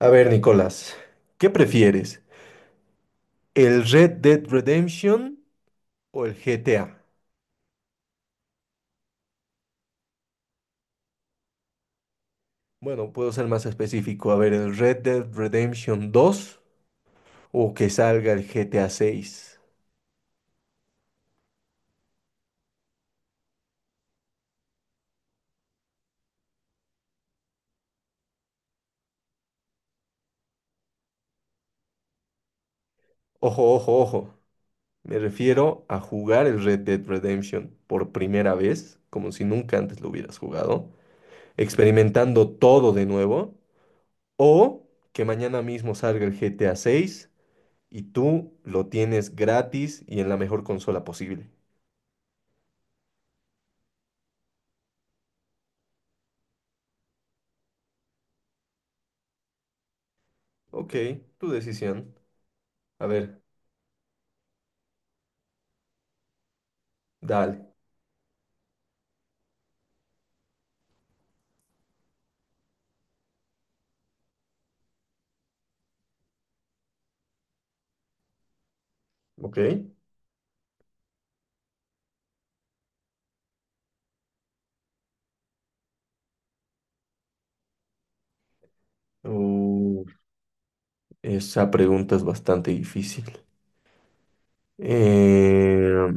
A ver, Nicolás, ¿qué prefieres? ¿El Red Dead Redemption o el GTA? Bueno, puedo ser más específico. A ver, ¿el Red Dead Redemption 2 o que salga el GTA 6? Ojo, ojo, ojo. Me refiero a jugar el Red Dead Redemption por primera vez, como si nunca antes lo hubieras jugado, experimentando todo de nuevo, o que mañana mismo salga el GTA 6 y tú lo tienes gratis y en la mejor consola posible. Ok, tu decisión. A ver, dale. Ok. Uh, esa pregunta es bastante difícil. Eh,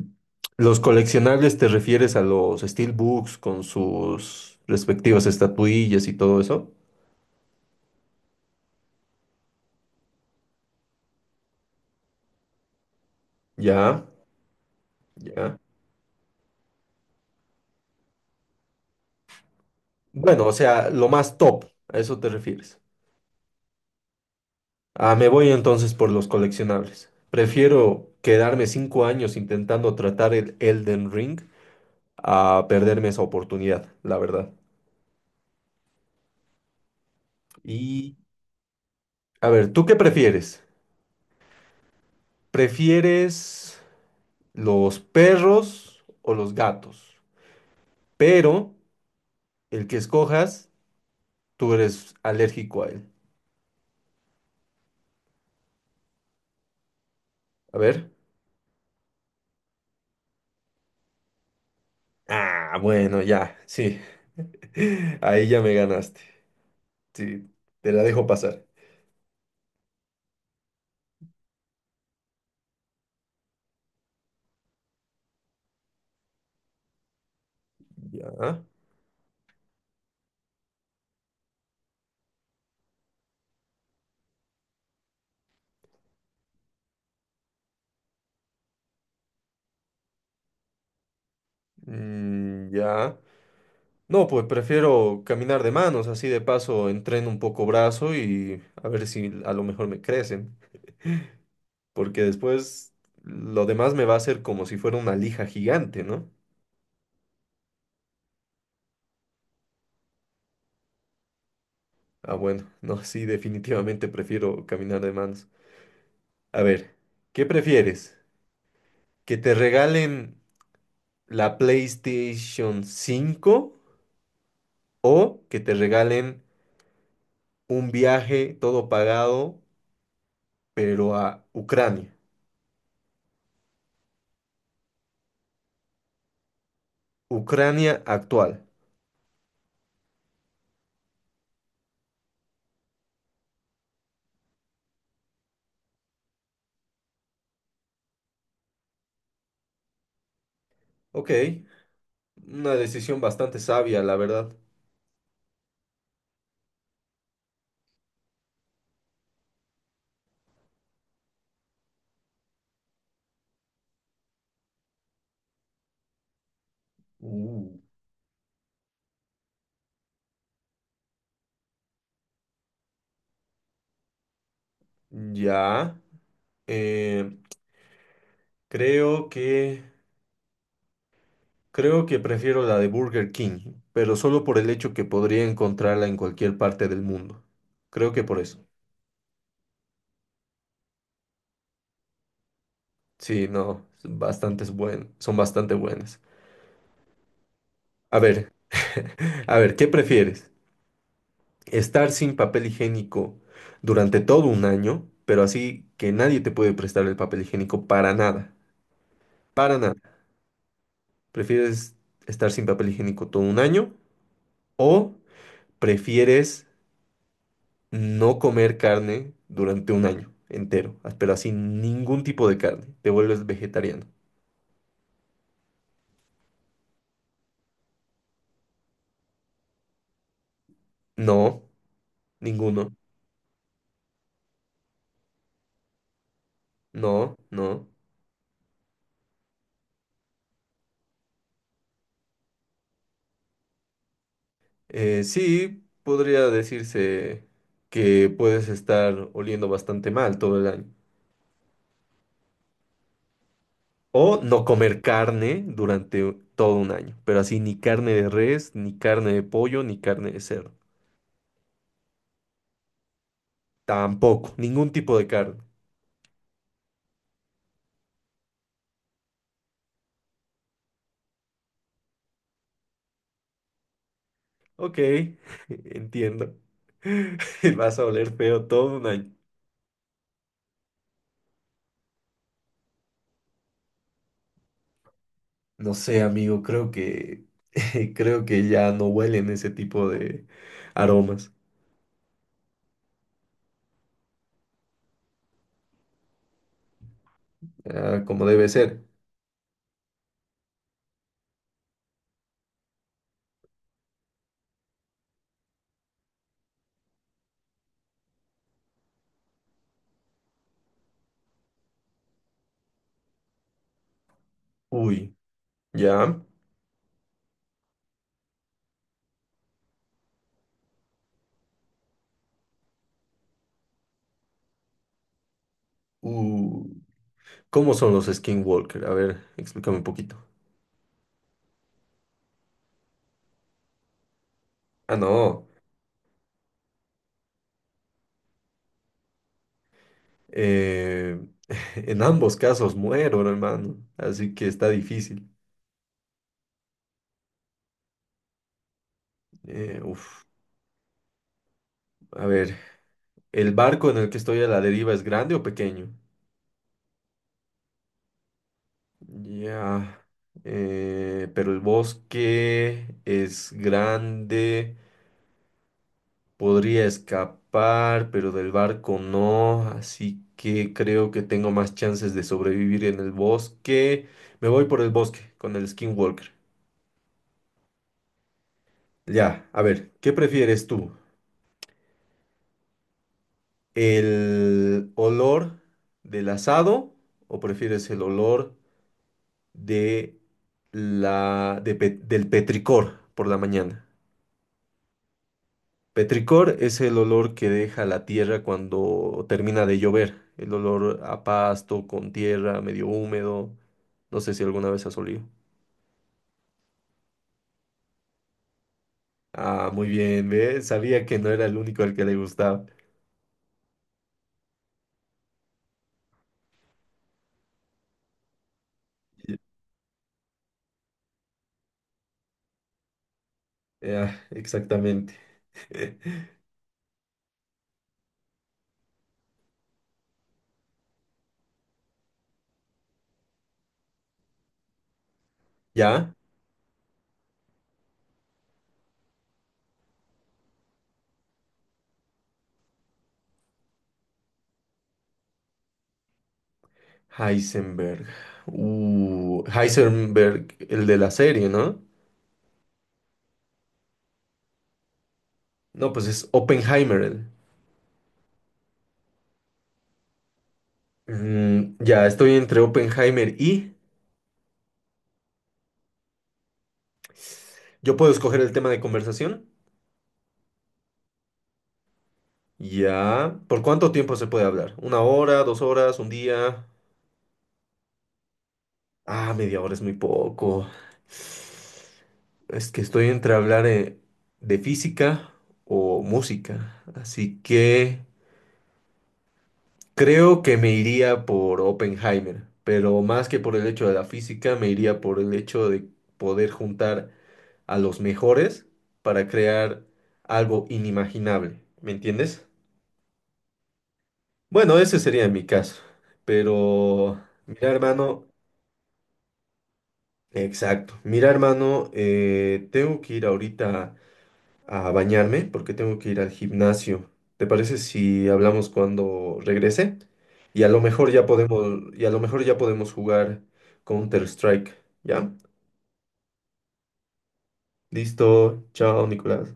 ¿Los coleccionables te refieres a los steelbooks con sus respectivas estatuillas y todo eso? Ya, ya. Bueno, o sea, lo más top, a eso te refieres. Ah, me voy entonces por los coleccionables. Prefiero quedarme 5 años intentando tratar el Elden Ring a perderme esa oportunidad, la verdad. Y, a ver, ¿tú qué prefieres? ¿Prefieres los perros o los gatos? Pero el que escojas, tú eres alérgico a él. A ver. Ah, bueno, ya, sí. Ahí ya me ganaste. Sí, te la dejo pasar. Ya. Mm, ya. No, pues prefiero caminar de manos, así de paso entreno un poco brazo y a ver si a lo mejor me crecen. Porque después lo demás me va a hacer como si fuera una lija gigante, ¿no? Ah, bueno, no, sí, definitivamente prefiero caminar de manos. A ver, ¿qué prefieres? ¿Que te regalen la PlayStation 5 o que te regalen un viaje todo pagado, pero a Ucrania? Ucrania actual. Ok, una decisión bastante sabia, la verdad. Uh. Ya, eh, creo que... Creo que prefiero la de Burger King, pero solo por el hecho que podría encontrarla en cualquier parte del mundo. Creo que por eso. Sí, no, son bastante buenas. A ver, a ver, ¿qué prefieres? ¿Estar sin papel higiénico durante todo un año, pero así que nadie te puede prestar el papel higiénico para nada? Para nada. ¿Prefieres estar sin papel higiénico todo un año o prefieres no comer carne durante un año entero, ah, pero así ningún tipo de carne, te vuelves vegetariano? No, ninguno, no, no. Sí, podría decirse que puedes estar oliendo bastante mal todo el año. O no comer carne durante todo un año, pero así ni carne de res, ni carne de pollo, ni carne de cerdo. Tampoco, ningún tipo de carne. Ok, entiendo. Vas a oler feo todo un año. No sé, amigo, creo que creo que ya no huelen ese tipo de aromas, ah, como debe ser. Uy, ya. Uh, ¿Cómo son los skinwalker? A ver, explícame un poquito. Ah, no. eh, en ambos casos muero, no, hermano, así que está difícil. Uf, a ver, ¿el barco en el que estoy a la deriva es grande o pequeño? Ya. Pero el bosque es grande. Podría escapar, pero del barco no, así que creo que tengo más chances de sobrevivir en el bosque. Me voy por el bosque con el Skinwalker. Ya, a ver, ¿qué prefieres tú? ¿El olor del asado o prefieres el olor de la de pe- del petricor por la mañana? Petricor es el olor que deja la tierra cuando termina de llover, el olor a pasto, con tierra, medio húmedo. No sé si alguna vez has olido. Ah, muy bien, ¿ves? Sabía que no era el único al que le gustaba. Y- ah, exactamente. ¿Ya? Heisenberg. Heisenberg, el de la serie, ¿no? No, pues es Oppenheimer. Él. Mm, ya, estoy entre Oppenheimer y... ¿Yo puedo escoger el tema de conversación? Ya. ¿Por cuánto tiempo se puede hablar? ¿1 hora, 2 horas, 1 día? Ah, media hora es muy poco. Es que estoy entre hablar de física o música. Así que creo que me iría por Oppenheimer. Pero más que por el hecho de la física, me iría por el hecho de poder juntar a los mejores para crear algo inimaginable. ¿Me entiendes? Bueno, ese sería mi caso. Pero, mira, hermano, exacto. Mira, hermano, tengo que ir ahorita a bañarme porque tengo que ir al gimnasio. ¿Te parece si hablamos cuando regrese? Y a lo mejor ya podemos jugar Counter-Strike. ¿Ya? Listo. Chao, Nicolás.